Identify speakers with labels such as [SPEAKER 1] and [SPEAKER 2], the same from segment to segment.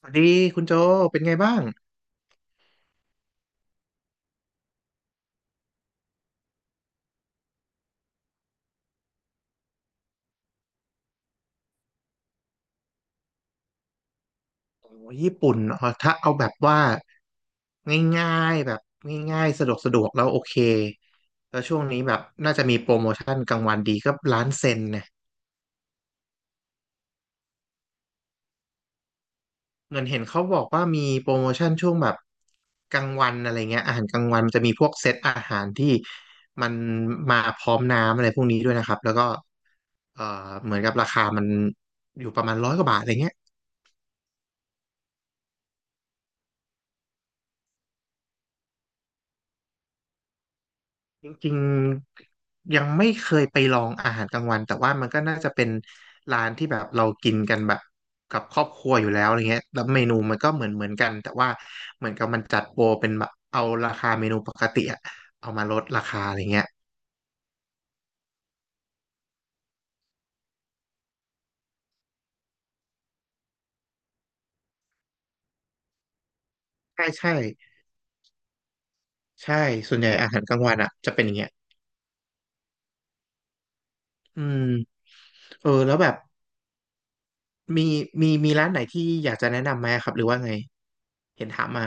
[SPEAKER 1] สวัสดีคุณโจเป็นไงบ้างโอ้ยญี่ปุ่นถ้าเอาแบบว่าง่ายๆแบบง่ายๆสะดวกสะดวกแล้วโอเคแล้วช่วงนี้แบบน่าจะมีโปรโมชั่นกลางวันดีก็ร้านเซ็นเนี่ยเงินเห็นเขาบอกว่ามีโปรโมชั่นช่วงแบบกลางวันอะไรเงี้ยอาหารกลางวันมันจะมีพวกเซตอาหารที่มันมาพร้อมน้ำอะไรพวกนี้ด้วยนะครับแล้วก็เอ่อเหมือนกับราคามันอยู่ประมาณร้อยกว่าบาทอะไรเงี้ย จริงๆยังไม่เคยไปลองอาหารกลางวันแต่ว่ามันก็น่าจะเป็นร้านที่แบบเรากินกันแบบกับครอบครัวอยู่แล้วอะไรเงี้ยแล้วเมนูมันก็เหมือนกันแต่ว่าเหมือนกับมันจัดโปรเป็นแบบเอาราคาเมนูปกติอะเอามาลดราคาอะไรเงี้ยใช่ใช่ใช่ส่วนใหญ่อาหารกลางวันอะจะเป็นอย่างเงี้ยอืมเออแล้วแบบมีมีร้านไหนที่อยากจะแนะนำไหมครับหรือว่าไงเห็นถามมา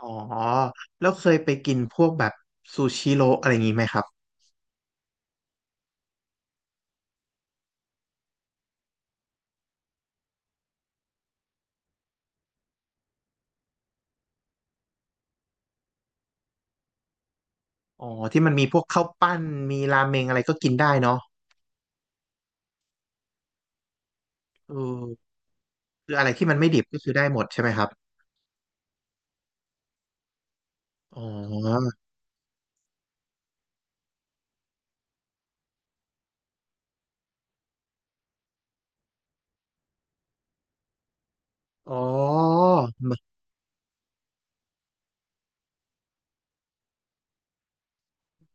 [SPEAKER 1] อ๋อแล้วเคยไปกินพวกแบบซูชิโรอะไรอย่างงี้ไหมครับ อ๋อที่มันมีพวกข้าวปั้นมีราเมงอะไรก็กินได้เนาะเออคืออะไรที่มันไม่ดิบก็คือได้หมดใช่ไหมครับอ๋ออ๋อ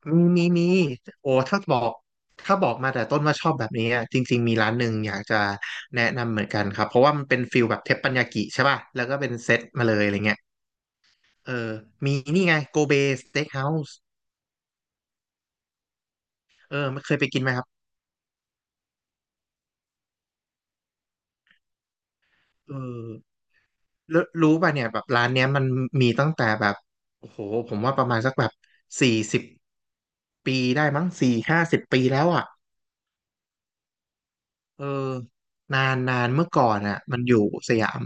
[SPEAKER 1] มีมีมีโอ้ถ้าบอกมาแต่ต้นว่าชอบแบบนี้อะจริงๆมีร้านหนึ่งอยากจะแนะนำเหมือนกันครับเพราะว่ามันเป็นฟิลแบบเทปปัญญากิใช่ป่ะแล้วก็เป็นเซตมาเลยอะไรเงี้ยเออมีนี่ไงโกเบสเต็กเฮาส์เออมันเคยไปกินไหมครับเออรู้ป่ะเนี่ยแบบร้านเนี้ยมันมีตั้งแต่แบบโอ้โหผมว่าประมาณสักแบบ40 ปีได้มั้ง40-50ปีแล้วอ่ะเออนานนานเมื่อก่อนอ่ะมันอยู่สยาม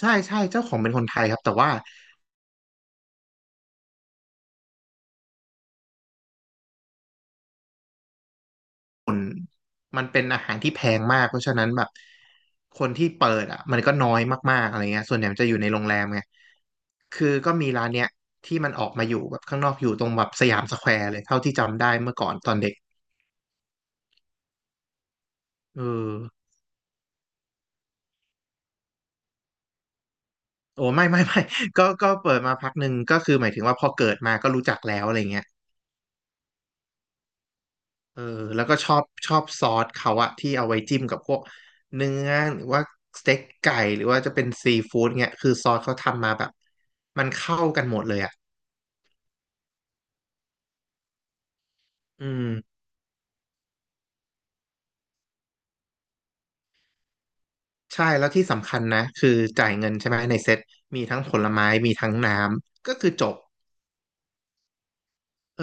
[SPEAKER 1] ใช่ใช่เจ้าของเป็นคนไทยครับแต่ว่ามันเป็นอาหารที่แพงมากเพราะฉะนั้นแบบคนที่เปิดอ่ะมันก็น้อยมากๆอะไรเงี้ยส่วนใหญ่มันจะอยู่ในโรงแรมไงคือก็มีร้านเนี้ยที่มันออกมาอยู่แบบข้างนอกอยู่ตรงแบบสยามสแควร์เลยเท่าที่จำได้เมื่อก่อนตอนเด็กเออโอ้ไม่ ก็เปิดมาพักหนึ่งก็คือหมายถึงว่าพอเกิดมาก็รู้จักแล้วอะไรเงี้ย เออแล้วก็ชอบซอสเขาอะที่เอาไว้จิ้มกับพวกเนื้อหรือว่าสเต็กไก่หรือว่าจะเป็นซีฟู้ดเงี้ยคือซอสเขาทำมาแบบมันเข้ากันหมดเลยอะอืมใช่แล้วที่สำคัญนะคือจ่ายเงินใช่ไหมในเซ็ตมีทั้งผลไม้มีทั้งน้ำก็คือจบเออ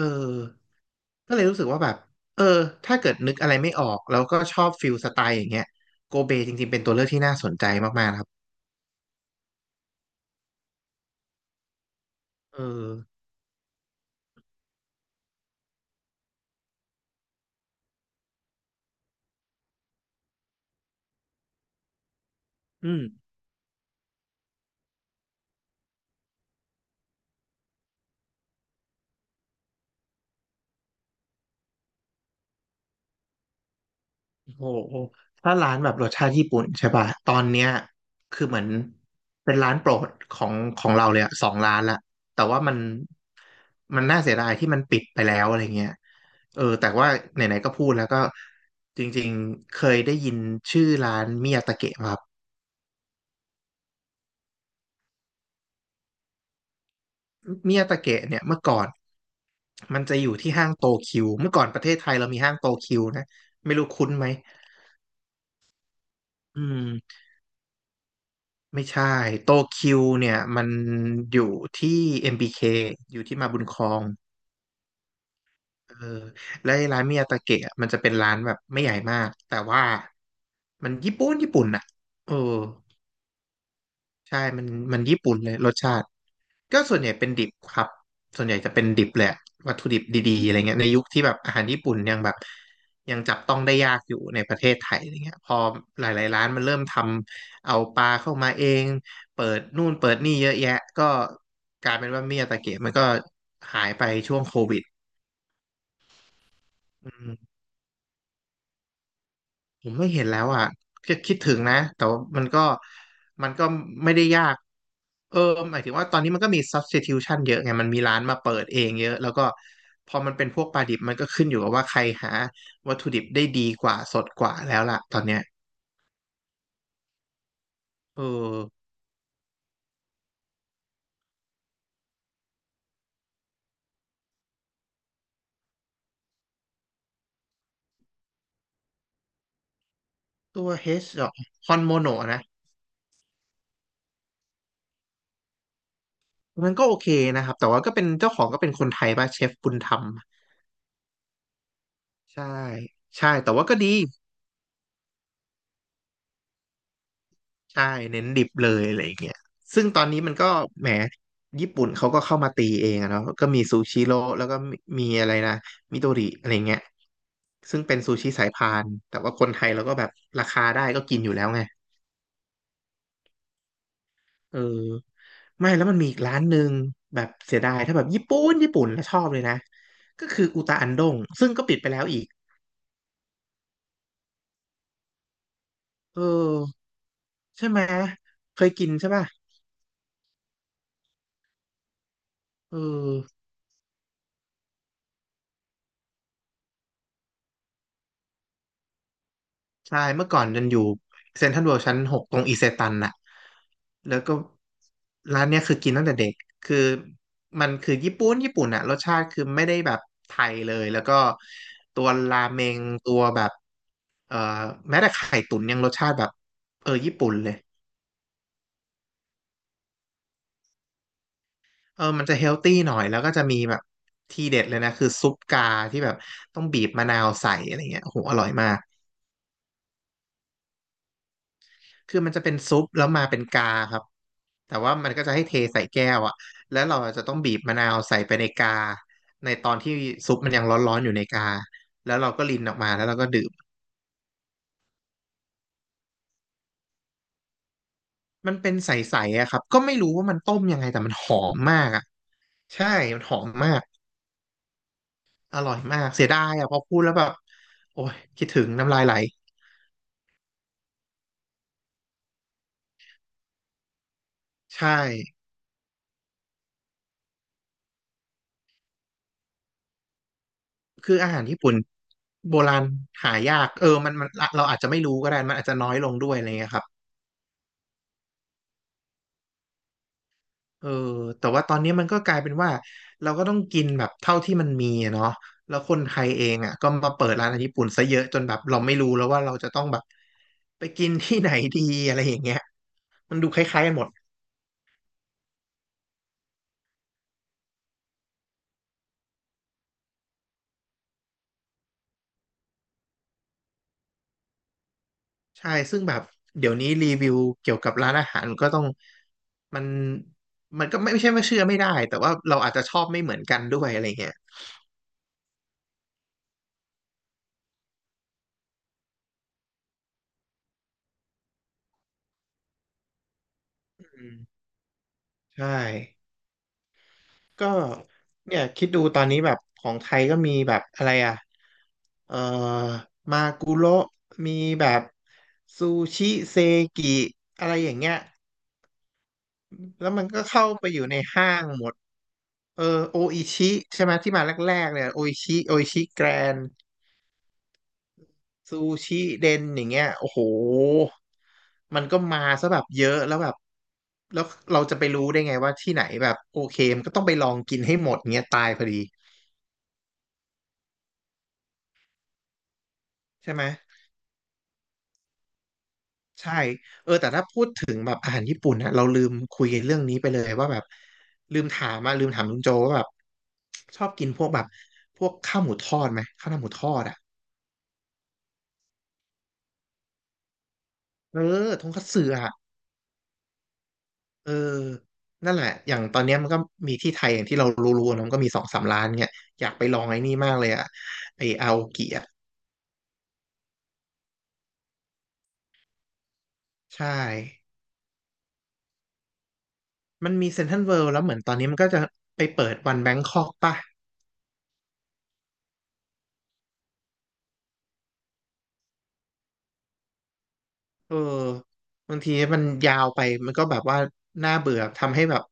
[SPEAKER 1] ก็เลยรู้สึกว่าแบบเออถ้าเกิดนึกอะไรไม่ออกแล้วก็ชอบฟิลสไตล์อย่างเงี้ยโกเบจริงๆเป็นตัวเลือกที่น่าสนใจมากๆนะครับเอออืม โอ้โหถ้าร้านแบบรสชาติญี่ปุ่นใช่ป่ะตอนเนี้ยคือเหมือนเป็นร้านโปรดของเราเลยอะสองร้านละแต่ว่ามันน่าเสียดายที่มันปิดไปแล้วอะไรเงี้ยเออแต่ว่าไหนๆก็พูดแล้วก็จริงๆเคยได้ยินชื่อร้านมิยาตะเกะครับมิยาตะเกะเนี่ยเมื่อก่อนมันจะอยู่ที่ห้างโตคิวเมื่อก่อนประเทศไทยเรามีห้างโตคิวนะไม่รู้คุ้นไหมอืม ไม่ใช่โตคิวเนี่ยมันอยู่ที่ MBK อมบีเคอยู่ที่มาบุญครองเออและไอ้ร้านมิยาตาเกะอะมันจะเป็นร้านแบบไม่ใหญ่มากแต่ว่ามันญี่ปุ่นญี่ปุ่นอ่ะเออใช่มันญี่ปุ่นเลยรสชาติ ก็ส่วนใหญ่เป็นดิบครับ ส่วนใหญ่จะเป็นดิบแหละวัตถุดิบดีๆอะไรเงี้ยในยุคที่แบบอาหารญี่ปุ่นยังแบบยังจับต้องได้ยากอยู่ในประเทศไทยอะไรเงี้ยพอหลายๆร้านมันเริ่มทำเอาปลาเข้ามาเองเปิดนู่นเปิดนี่เยอะแยะก็กลายเป็นว่าเมียตะเกียบมันก็หายไปช่วงโควิด ผมไม่เห็นแล้วอ่ะก็คิดถึงนะแต่ว่ามันก็มันก็ไม่ได้ยากเออหมายถึงว่าตอนนี้มันก็มี substitution เยอะไงมันมีร้านมาเปิดเองเยอะแล้วก็พอมันเป็นพวกปลาดิบมันก็ขึ้นอยู่กับว่าใครหาวัตถุดิบได้ดีกว่าสดกว่าแล้วล่ะตอนเนี้ยเออตัว H เหรอคอนโมโนนะมันก็โอเคนะครับแต่ว่าก็เป็นเจ้าของก็เป็นคนไทยป่ะเชฟบุญธรรมใช่ใช่แต่ว่าก็ดี ใช่เน้นดิบเลยอะไรอย่างเงี้ยซึ่งตอนนี้มันก็แหมญี่ปุ่นเขาก็เข้ามาตีเองอะเนาะก็มีซูชิโร่แล้วก็มีอะไรนะมิโดริอะไรเงี้ยซึ่งเป็นซูชิสายพานแต่ว่าคนไทยเราก็แบบราคาได้ก็กินอยู่แล้วไงเออไม่แล้วมันมีอีกร้านหนึ่งแบบเสียดายถ้าแบบญี่ปุ่นญี่ปุ่นแล้วชอบเลยนะก็คืออุตาอันดงซึ่งก็ปิดไปแล้วอีกเออใช่ไหมเคยกินใช่ป่ะเออ ใช่เมื่อก่อนยันอยู่เซ็นทรัลเวิลด์ชั้นหกตรงอิเซตันน่ะแล้วก็ร้านเนี้ยคือกินตั้งแต่เด็กคือมันคือญี่ปุ่นญี่ปุ่นอะรสชาติคือไม่ได้แบบไทยเลย แล้วก็ตัวราเมงตัวแบบเอ่อแม้แต่ไข่ตุ๋นยังรสชาติแบบเออญี่ปุ่นเลยเออมันจะเฮลตี้หน่อยแล้วก็จะมีแบบทีเด็ดเลยนะคือซุปกาที่แบบต้องบีบมะนาวใส่อะไรเงี้ยโอ้โหอร่อยมากคือมันจะเป็นซุปแล้วมาเป็นกาครับ แต่ว่ามันก็จะให้เทใส่แก้วอะแล้วเราจะต้องบีบมะนาวใส่ไปในกาในตอนที่ซุปมันยังร้อนๆอยู่ในกาแล้วเราก็รินออกมาแล้วเราก็ดื่มมันเป็นใสๆอะครับก็ไม่รู้ว่ามันต้มยังไงแต่มันหอมมากอะใช่มันหอมมากอร่อยมากเสียดายอะพอพูดแล้วแบบโอ้ยคิดถึงน้ำลายไหลใช่คืออาหารญี่ปุ่นโบราณหายากเออมันเราอาจจะไม่รู้ก็ได้มันอาจจะน้อยลงด้วยอะไรเงี้ยครับ เออแต่ว่าตอนนี้มันก็กลายเป็นว่าเราก็ต้องกินแบบเท่าที่มันมีอะเนาะแล้วคนไทยเองอ่ะก็มาเปิดร้านอาหารญี่ปุ่นซะเยอะจนแบบเราไม่รู้แล้วว่าเราจะต้องแบบไปกินที่ไหนดีอะไรอย่างเงี้ยมันดูคล้ายๆกันหมดใช่ซึ่งแบบเดี๋ยวนี้รีวิวเกี่ยวกับร้านอาหารก็ต้องมันมันก็ไม่ใช่ไม่าเชื่อไม่ได้แต่ว่าเราอาจจะชอบไม่เหมือนกันด้วยอะไรเงี้ยอืมใช่ ก็เนี่ยคิดดูตอนนี้แบบของไทยก็มีแบบอะไรอ่ะเอ่อมากุโระมีแบบซูชิเซกิอะไรอย่างเงี้ยแล้วมันก็เข้าไปอยู่ในห้างหมดเออโออิชิใช่ไหมที่มาแรกๆเนี่ยโออิชิโออิชิแกรนซูชิเดนอย่างเงี้ยโอ้โหมันก็มาซะแบบเยอะแล้วแบบแล้วเราจะไปรู้ได้ไงว่าที่ไหนแบบโอเคมันก็ต้องไปลองกินให้หมดเงี้ยตายพอดีใช่ไหม ใช่เออแต่ถ้าพูดถึงแบบอาหารญี่ปุ่นนะเราลืมคุยเรื่องนี้ไปเลยว่าแบบลืมถามมาลืมถามลุงโจว่าแบบชอบกินพวกแบบพวกข้าวหมูทอดไหมข้าวหน้าหมูทอดอ่ะเออทงคัตสึอ่ะเออนั่นแหละอย่างตอนเนี้ยมันก็มีที่ไทยอย่างที่เรารู้ๆนะมันก็มีสองสามร้านเนี่ยอยากไปลองไอ้นี่มากเลยอ่ะไออาโอกิอ่ะใช่มันมีเซ็นทรัลเวิลด์แล้วเหมือนตอนนี้มันก็จะไปเปิดวันแบงคอกป่ะ เออบางทีมันยาวไปมันก็แบบว่าน่าเบื่อทำให้แบบ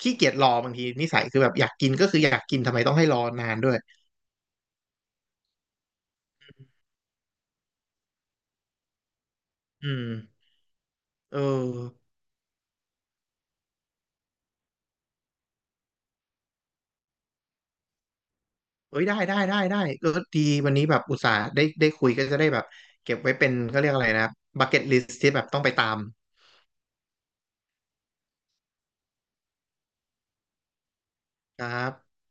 [SPEAKER 1] ขี้เกียจรอบางทีนิสัยคือแบบอยากกินก็คืออยากกินทำไมต้องให้รอนานด้วยอืมเออเอ้ยได้ก็ดีวันนี้แบบอุตส่าห์ได้คุยก็จะได้แบบเก็บไว้เป็นก็เรียกอะไรนะบักเก็ตลิสที่แบบต้องไปตามครับ